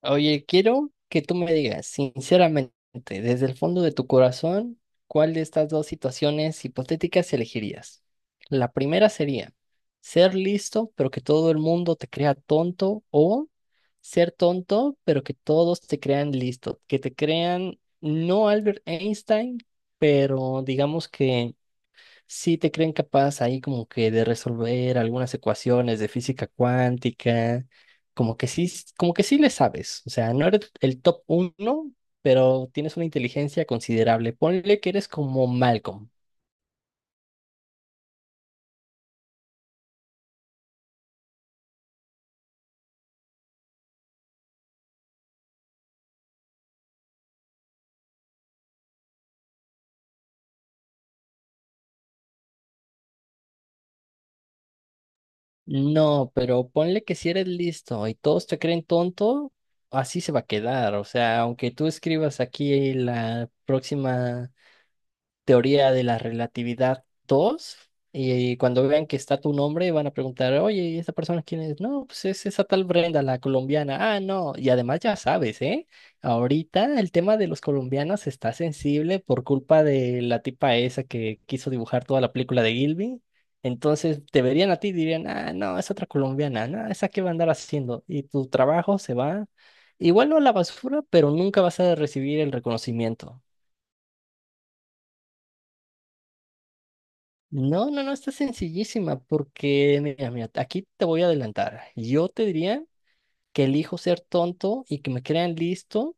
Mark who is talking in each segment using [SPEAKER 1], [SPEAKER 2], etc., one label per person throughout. [SPEAKER 1] Oye, quiero que tú me digas, sinceramente, desde el fondo de tu corazón, ¿cuál de estas dos situaciones hipotéticas elegirías? La primera sería ser listo, pero que todo el mundo te crea tonto, o ser tonto, pero que todos te crean listo, que te crean no Albert Einstein, pero digamos que sí te creen capaz ahí como que de resolver algunas ecuaciones de física cuántica, como que sí, como que sí le sabes, o sea, no eres el top uno, pero tienes una inteligencia considerable. Ponle que eres como Malcolm. No, pero ponle que si eres listo y todos te creen tonto, así se va a quedar. O sea, aunque tú escribas aquí la próxima teoría de la relatividad 2 y cuando vean que está tu nombre van a preguntar, oye, ¿y esta persona quién es? No, pues es esa tal Brenda, la colombiana. Ah, no, y además ya sabes, ¿eh? Ahorita el tema de los colombianos está sensible por culpa de la tipa esa que quiso dibujar toda la película de Gilby. Entonces te verían a ti y dirían, ah, no, es otra colombiana, no, esa qué va a andar haciendo. Y tu trabajo se va, igual no a la basura, pero nunca vas a recibir el reconocimiento. No, no, no, está sencillísima porque, mira, mira, aquí te voy a adelantar. Yo te diría que elijo ser tonto y que me crean listo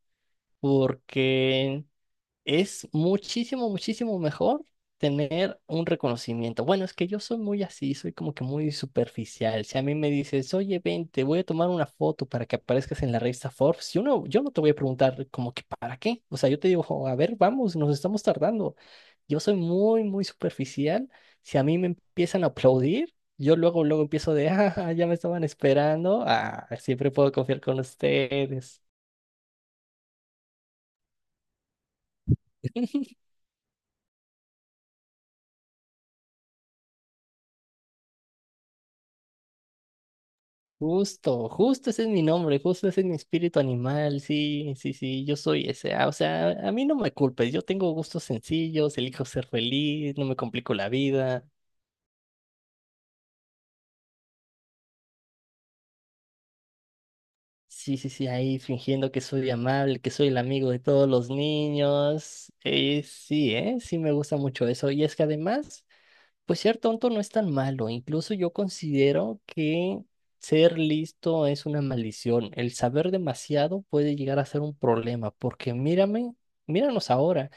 [SPEAKER 1] porque es muchísimo, muchísimo mejor tener un reconocimiento. Bueno, es que yo soy muy así, soy como que muy superficial. Si a mí me dices, oye, ven, te voy a tomar una foto para que aparezcas en la revista Forbes, yo no te voy a preguntar como que para qué. O sea, yo te digo, "Jo, a ver, vamos, nos estamos tardando." Yo soy muy, muy superficial. Si a mí me empiezan a aplaudir, yo luego, luego empiezo de, ah, ya me estaban esperando. Ah, siempre puedo confiar con ustedes. Justo, justo ese es mi nombre, justo ese es mi espíritu animal, sí, sí, sí, yo soy ese. Ah, o sea, a mí no me culpes, yo tengo gustos sencillos, elijo ser feliz, no me complico la vida. Sí, sí, sí, ahí fingiendo que soy amable, que soy el amigo de todos los niños. Sí, sí me gusta mucho eso. Y es que además... Pues ser tonto no es tan malo, incluso yo considero que ser listo es una maldición. El saber demasiado puede llegar a ser un problema, porque mírame, míranos ahora.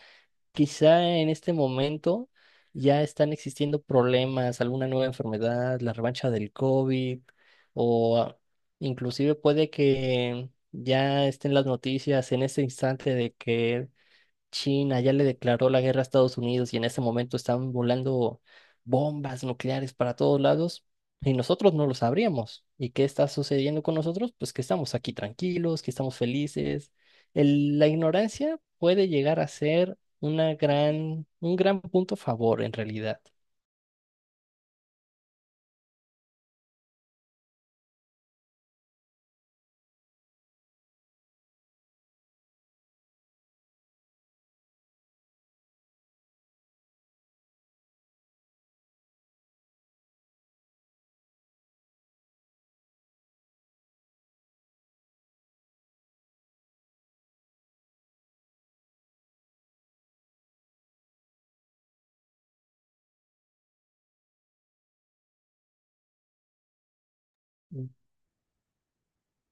[SPEAKER 1] Quizá en este momento ya están existiendo problemas, alguna nueva enfermedad, la revancha del COVID, o ah, inclusive puede que ya estén las noticias en este instante de que China ya le declaró la guerra a Estados Unidos y en ese momento están volando bombas nucleares para todos lados y nosotros no lo sabríamos. ¿Y qué está sucediendo con nosotros? Pues que estamos aquí tranquilos, que estamos felices. La ignorancia puede llegar a ser una gran, un gran punto a favor en realidad.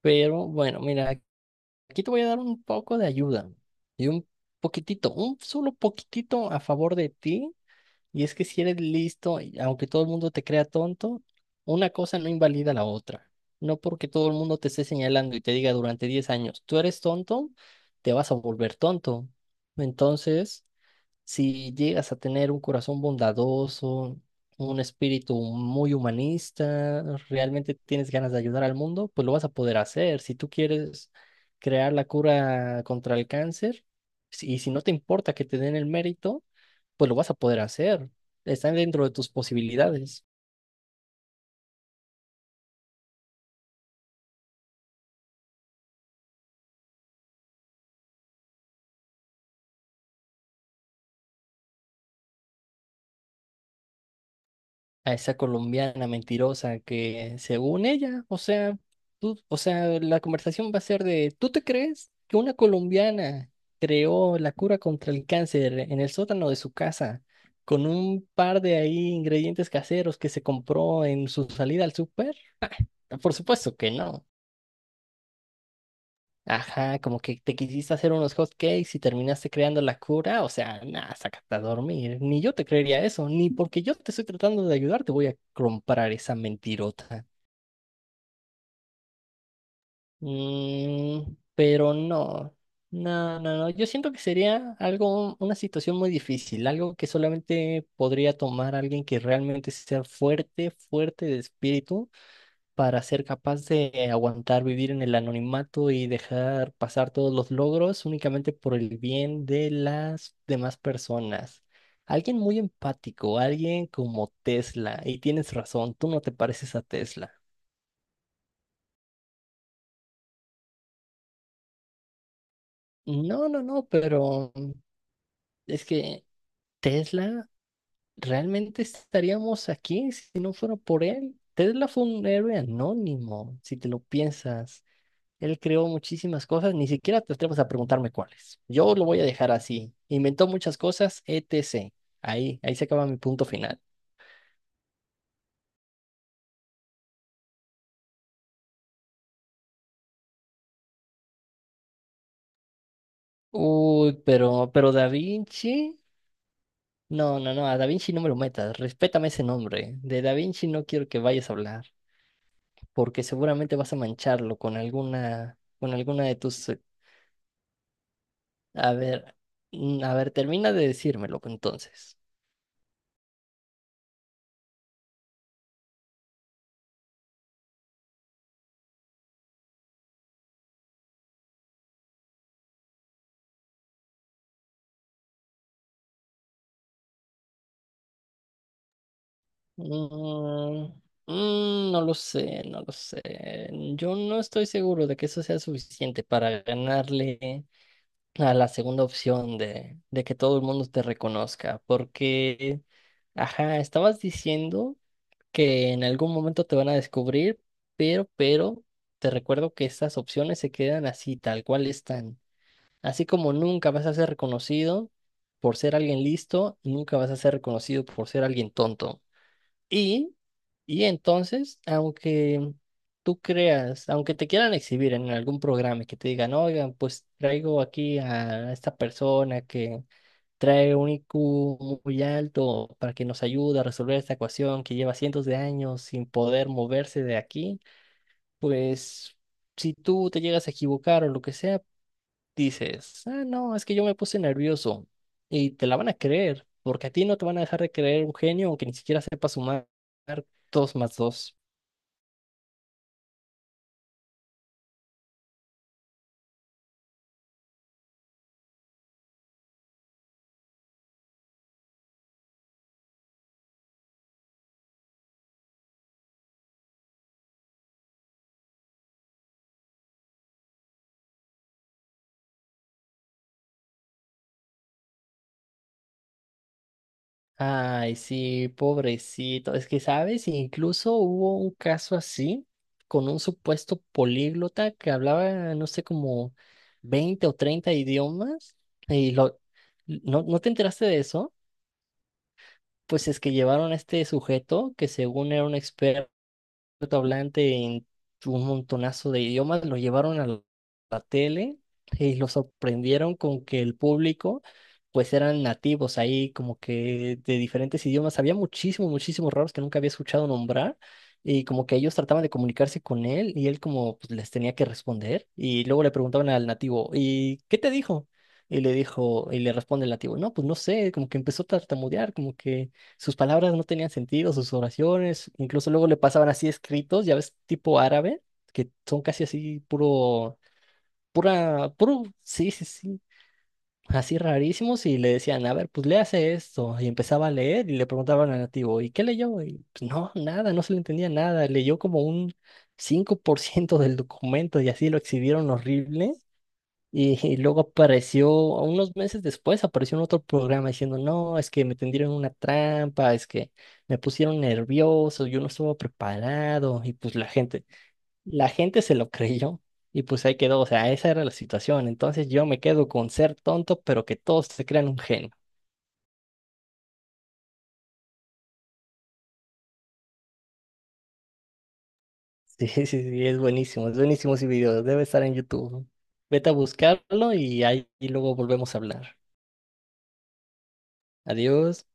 [SPEAKER 1] Pero bueno, mira, aquí te voy a dar un poco de ayuda y un poquitito, un solo poquitito a favor de ti. Y es que si eres listo, y aunque todo el mundo te crea tonto, una cosa no invalida la otra. No porque todo el mundo te esté señalando y te diga durante 10 años, tú eres tonto, te vas a volver tonto. Entonces, si llegas a tener un corazón bondadoso, un espíritu muy humanista, realmente tienes ganas de ayudar al mundo, pues lo vas a poder hacer. Si tú quieres crear la cura contra el cáncer, y si no te importa que te den el mérito, pues lo vas a poder hacer. Está dentro de tus posibilidades. A esa colombiana mentirosa que según ella, o sea, tú, o sea, la conversación va a ser de, ¿tú te crees que una colombiana creó la cura contra el cáncer en el sótano de su casa con un par de ahí ingredientes caseros que se compró en su salida al súper? Por supuesto que no. Ajá, como que te quisiste hacer unos hot cakes y terminaste creando la cura, o sea, nada, sácate a dormir. Ni yo te creería eso, ni porque yo te estoy tratando de ayudar te voy a comprar esa mentirota. Mm, pero no, no, no, no. Yo siento que sería algo, una situación muy difícil, algo que solamente podría tomar alguien que realmente sea fuerte, fuerte de espíritu, para ser capaz de aguantar vivir en el anonimato y dejar pasar todos los logros únicamente por el bien de las demás personas. Alguien muy empático, alguien como Tesla, y tienes razón, tú no te pareces a Tesla. No, no, no, pero es que Tesla, ¿realmente estaríamos aquí si no fuera por él? Tesla fue un héroe anónimo, si te lo piensas. Él creó muchísimas cosas, ni siquiera te atreves a preguntarme cuáles. Yo lo voy a dejar así. Inventó muchas cosas, etc. Ahí, ahí se acaba mi punto final. Uy, pero Da Vinci. No, no, no, a Da Vinci no me lo metas. Respétame ese nombre. De Da Vinci no quiero que vayas a hablar, porque seguramente vas a mancharlo con alguna de tus... A ver, a ver, termina de decírmelo entonces. Mm, no lo sé, no lo sé. Yo no estoy seguro de que eso sea suficiente para ganarle a la segunda opción de que todo el mundo te reconozca, porque, ajá, estabas diciendo que en algún momento te van a descubrir, pero, te recuerdo que estas opciones se quedan así, tal cual están. Así como nunca vas a ser reconocido por ser alguien listo, nunca vas a ser reconocido por ser alguien tonto. Y, y entonces, aunque tú creas, aunque te quieran exhibir en algún programa y que te digan, oigan, pues traigo aquí a esta persona que trae un IQ muy alto para que nos ayude a resolver esta ecuación que lleva cientos de años sin poder moverse de aquí, pues si tú te llegas a equivocar o lo que sea, dices, ah, no, es que yo me puse nervioso y te la van a creer, porque a ti no te van a dejar de creer un genio aunque ni siquiera sepa sumar dos más dos. Ay, sí, pobrecito. Es que, ¿sabes? Incluso hubo un caso así con un supuesto políglota que hablaba, no sé, como 20 o 30 idiomas y lo... ¿No, no te enteraste de eso? Pues es que llevaron a este sujeto que según era un experto hablante en un montonazo de idiomas, lo llevaron a la tele y lo sorprendieron con que el público pues eran nativos ahí como que de diferentes idiomas. Había muchísimos, muchísimos raros que nunca había escuchado nombrar y como que ellos trataban de comunicarse con él y él como pues, les tenía que responder y luego le preguntaban al nativo, ¿y qué te dijo? Y le dijo, y le responde el nativo, no, pues no sé, como que empezó a tartamudear, como que sus palabras no tenían sentido, sus oraciones, incluso luego le pasaban así escritos, ya ves, tipo árabe, que son casi así puro, pura, puro, sí, sí, sí, así rarísimos y le decían, a ver, pues le hace esto, y empezaba a leer y le preguntaban al nativo, ¿y qué leyó? Y pues no, nada, no se le entendía nada, leyó como un 5% del documento y así lo exhibieron horrible. Y luego apareció, unos meses después, apareció en otro programa diciendo, no, es que me tendieron una trampa, es que me pusieron nervioso, yo no estuve preparado. Y pues la gente se lo creyó y pues ahí quedó, o sea, esa era la situación. Entonces yo me quedo con ser tonto, pero que todos se crean un genio. Sí, sí, sí, es buenísimo ese video, debe estar en YouTube. Vete a buscarlo y ahí y luego volvemos a hablar. Adiós.